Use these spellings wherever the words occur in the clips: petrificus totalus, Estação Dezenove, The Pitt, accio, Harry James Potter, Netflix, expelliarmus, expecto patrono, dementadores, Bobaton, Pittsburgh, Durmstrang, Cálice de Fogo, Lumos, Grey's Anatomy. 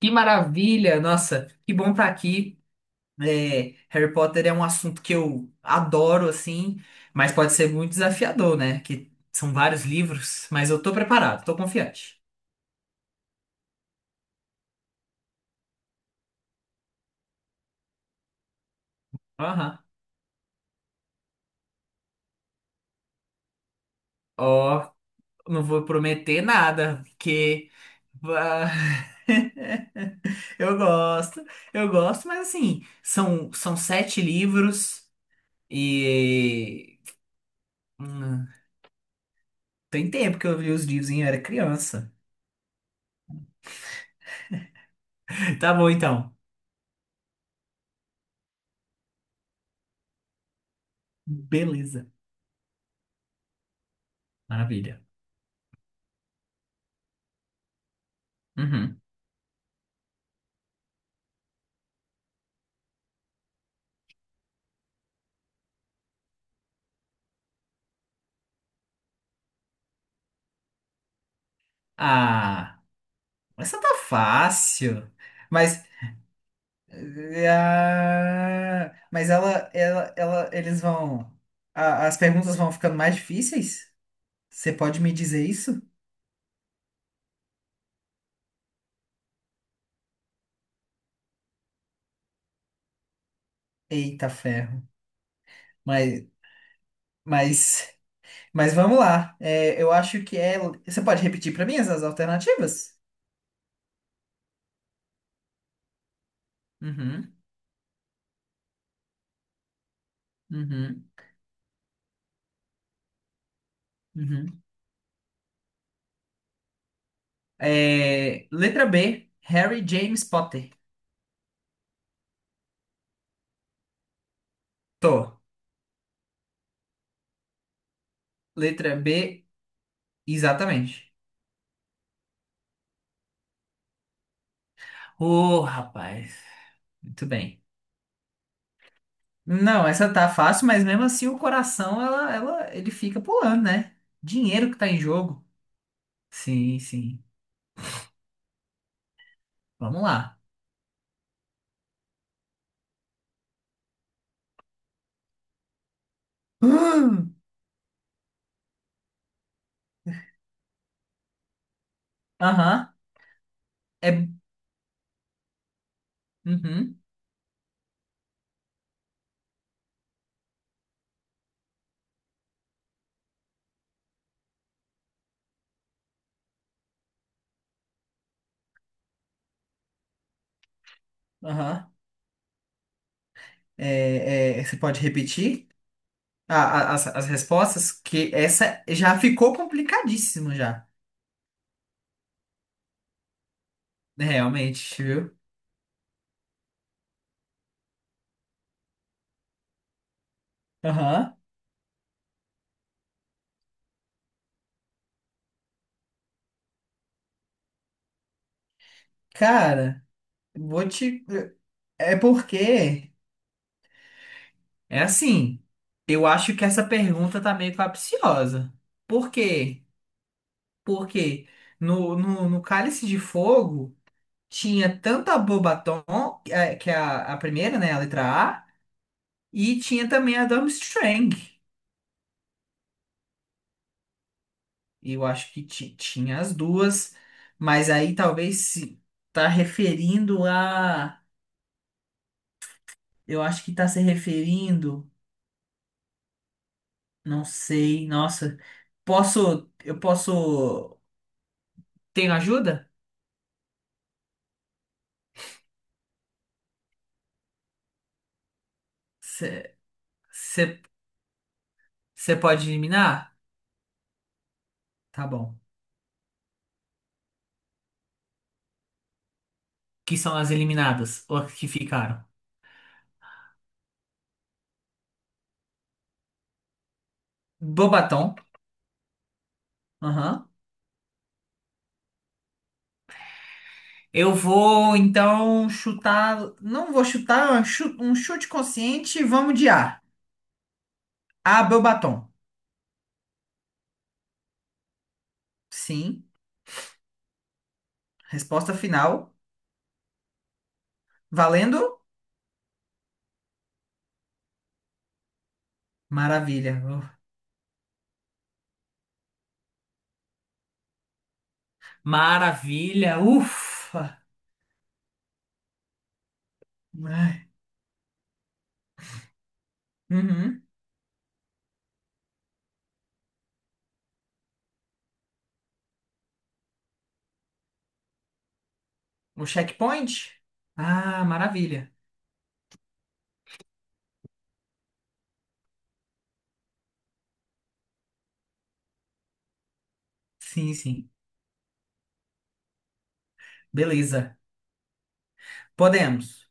Que maravilha! Nossa, que bom estar aqui. É, Harry Potter é um assunto que eu adoro, assim, mas pode ser muito desafiador, né? Que são vários livros, mas eu tô preparado, tô confiante. Aham. Ó, não vou prometer nada, porque. Ah, eu gosto, eu gosto, mas assim, são sete livros e. hum, Tem tempo que eu li os livros, hein? Eu era criança. Tá bom, então. Beleza. Maravilha. Uhum. Ah, essa tá fácil. Mas, mas eles vão. As perguntas vão ficando mais difíceis? Você pode me dizer isso? Eita ferro. Mas, mas, mas vamos lá. É, eu acho que é. Você pode repetir para mim essas alternativas? Uhum, uhum, uhum. É, letra B, Harry James Potter. Tô. Letra B, exatamente. Ô, rapaz. Muito bem. Não, essa tá fácil, mas mesmo assim o coração, ele fica pulando, né? Dinheiro que tá em jogo. Sim, sim. Vamos lá. Hum, aham. É. Uhum. Aham. Você pode repetir as respostas? Que essa já ficou complicadíssimo já. Realmente, viu? Aham. Cara, vou te. É porque. É assim, eu acho que essa pergunta tá meio capciosa. Por quê? Porque no Cálice de Fogo tinha tanto a Bobaton, que é a primeira, né, a letra A, e tinha também a Durmstrang. Eu acho que tinha as duas, mas aí talvez se tá referindo a... Eu acho que tá se referindo, não sei, nossa. Eu posso... Tenho ajuda? Você Você pode eliminar? Tá bom. Que são as eliminadas, ou as que ficaram? Bobaton. Aham. Eu vou então chutar. Não vou chutar, é um um chute consciente. Vamos de A. A, Bobaton. Sim. Resposta final. Valendo? Maravilha. Maravilha. Ufa. Ai. Uhum. O checkpoint? Ah, maravilha. Sim, sim. Beleza. Podemos.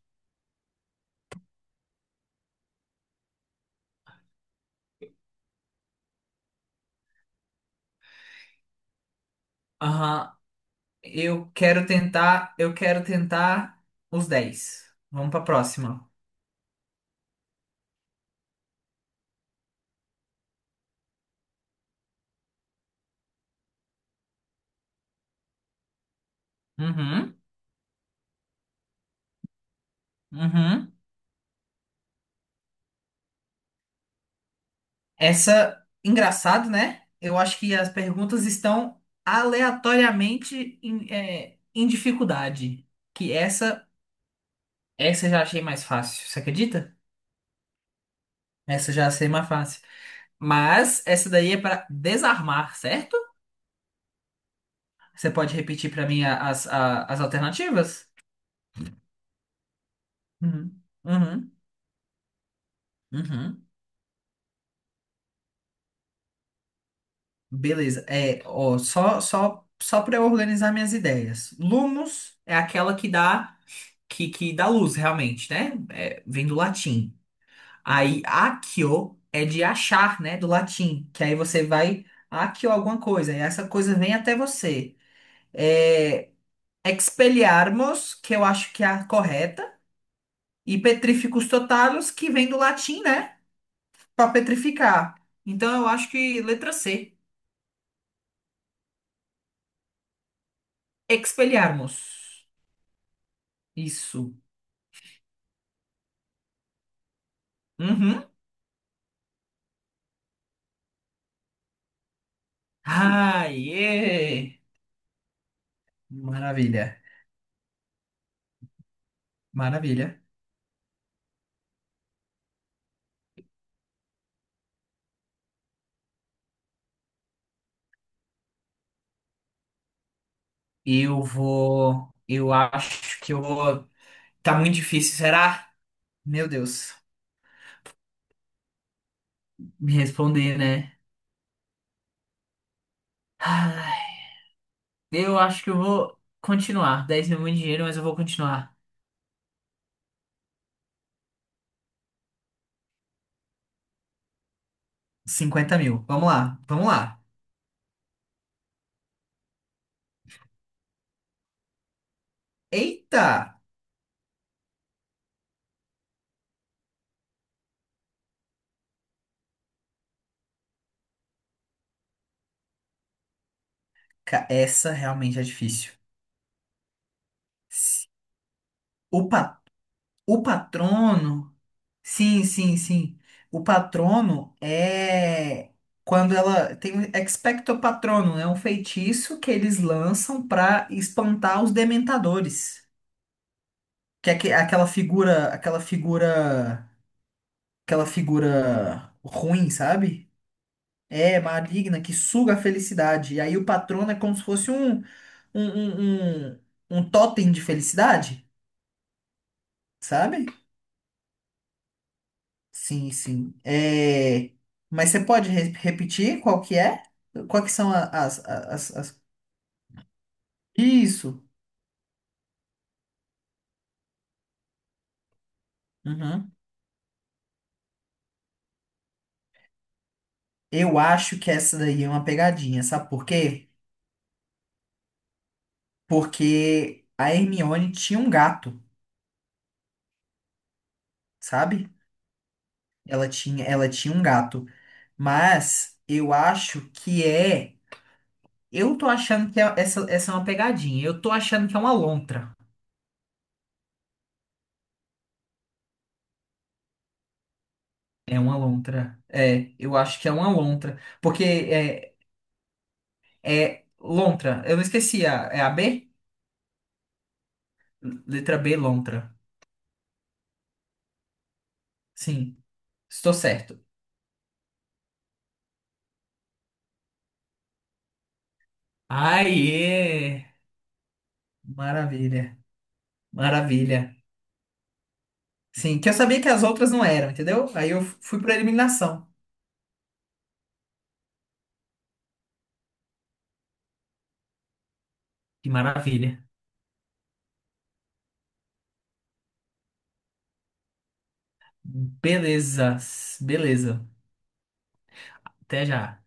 Aham. Eu quero tentar os 10. Vamos pra próxima. Uhum, uhum. Essa, engraçado, né? Eu acho que as perguntas estão aleatoriamente em dificuldade. Que essa eu já achei mais fácil, você acredita? Essa eu já achei mais fácil. Mas essa daí é pra desarmar, certo? Você pode repetir pra mim as alternativas? Uhum, uhum, uhum. Beleza. É, ó, só para eu organizar minhas ideias. Lumos é aquela que dá luz, realmente, né? É, vem do latim. Aí accio é de achar, né? Do latim. Que aí você vai accio alguma coisa. E essa coisa vem até você. É, expelliarmus, que eu acho que é a correta. E petrificus totalus, que vem do latim, né? Para petrificar. Então eu acho que letra C. Expelliarmus. Isso. Uhum. Ah, yeah! Maravilha, maravilha. Eu vou. Eu acho que eu vou. Tá muito difícil, será? Meu Deus, me responder, né? Ai, eu acho que eu vou continuar. 10.000 é muito dinheiro, mas eu vou continuar. 50.000. Vamos lá, vamos lá. Eita! Essa realmente é difícil. O, pa... o patrono. Sim, sim, sim. O patrono é quando ela tem um expecto patrono é um feitiço que eles lançam para espantar os dementadores, que é aquela figura ruim, sabe? É maligna que suga a felicidade. E aí o patrono é como se fosse um, um, um, um tótem de felicidade, sabe? Sim, sim. É, mas você pode repetir qual que é? Qual que são as... Isso. Uhum. Eu acho que essa daí é uma pegadinha, sabe por quê? Porque a Hermione tinha um gato, sabe? Ela tinha um gato. Mas eu acho que é. Eu tô achando que essa é uma pegadinha. Eu tô achando que é uma lontra. É uma lontra. É, eu acho que é uma lontra. Porque é. É lontra. Eu não esqueci. É a B? Letra B, lontra. Sim, estou certo. Aê! Maravilha. Maravilha. Sim, que eu sabia que as outras não eram, entendeu? Aí eu fui para eliminação. Que maravilha. Beleza. Beleza. Até já.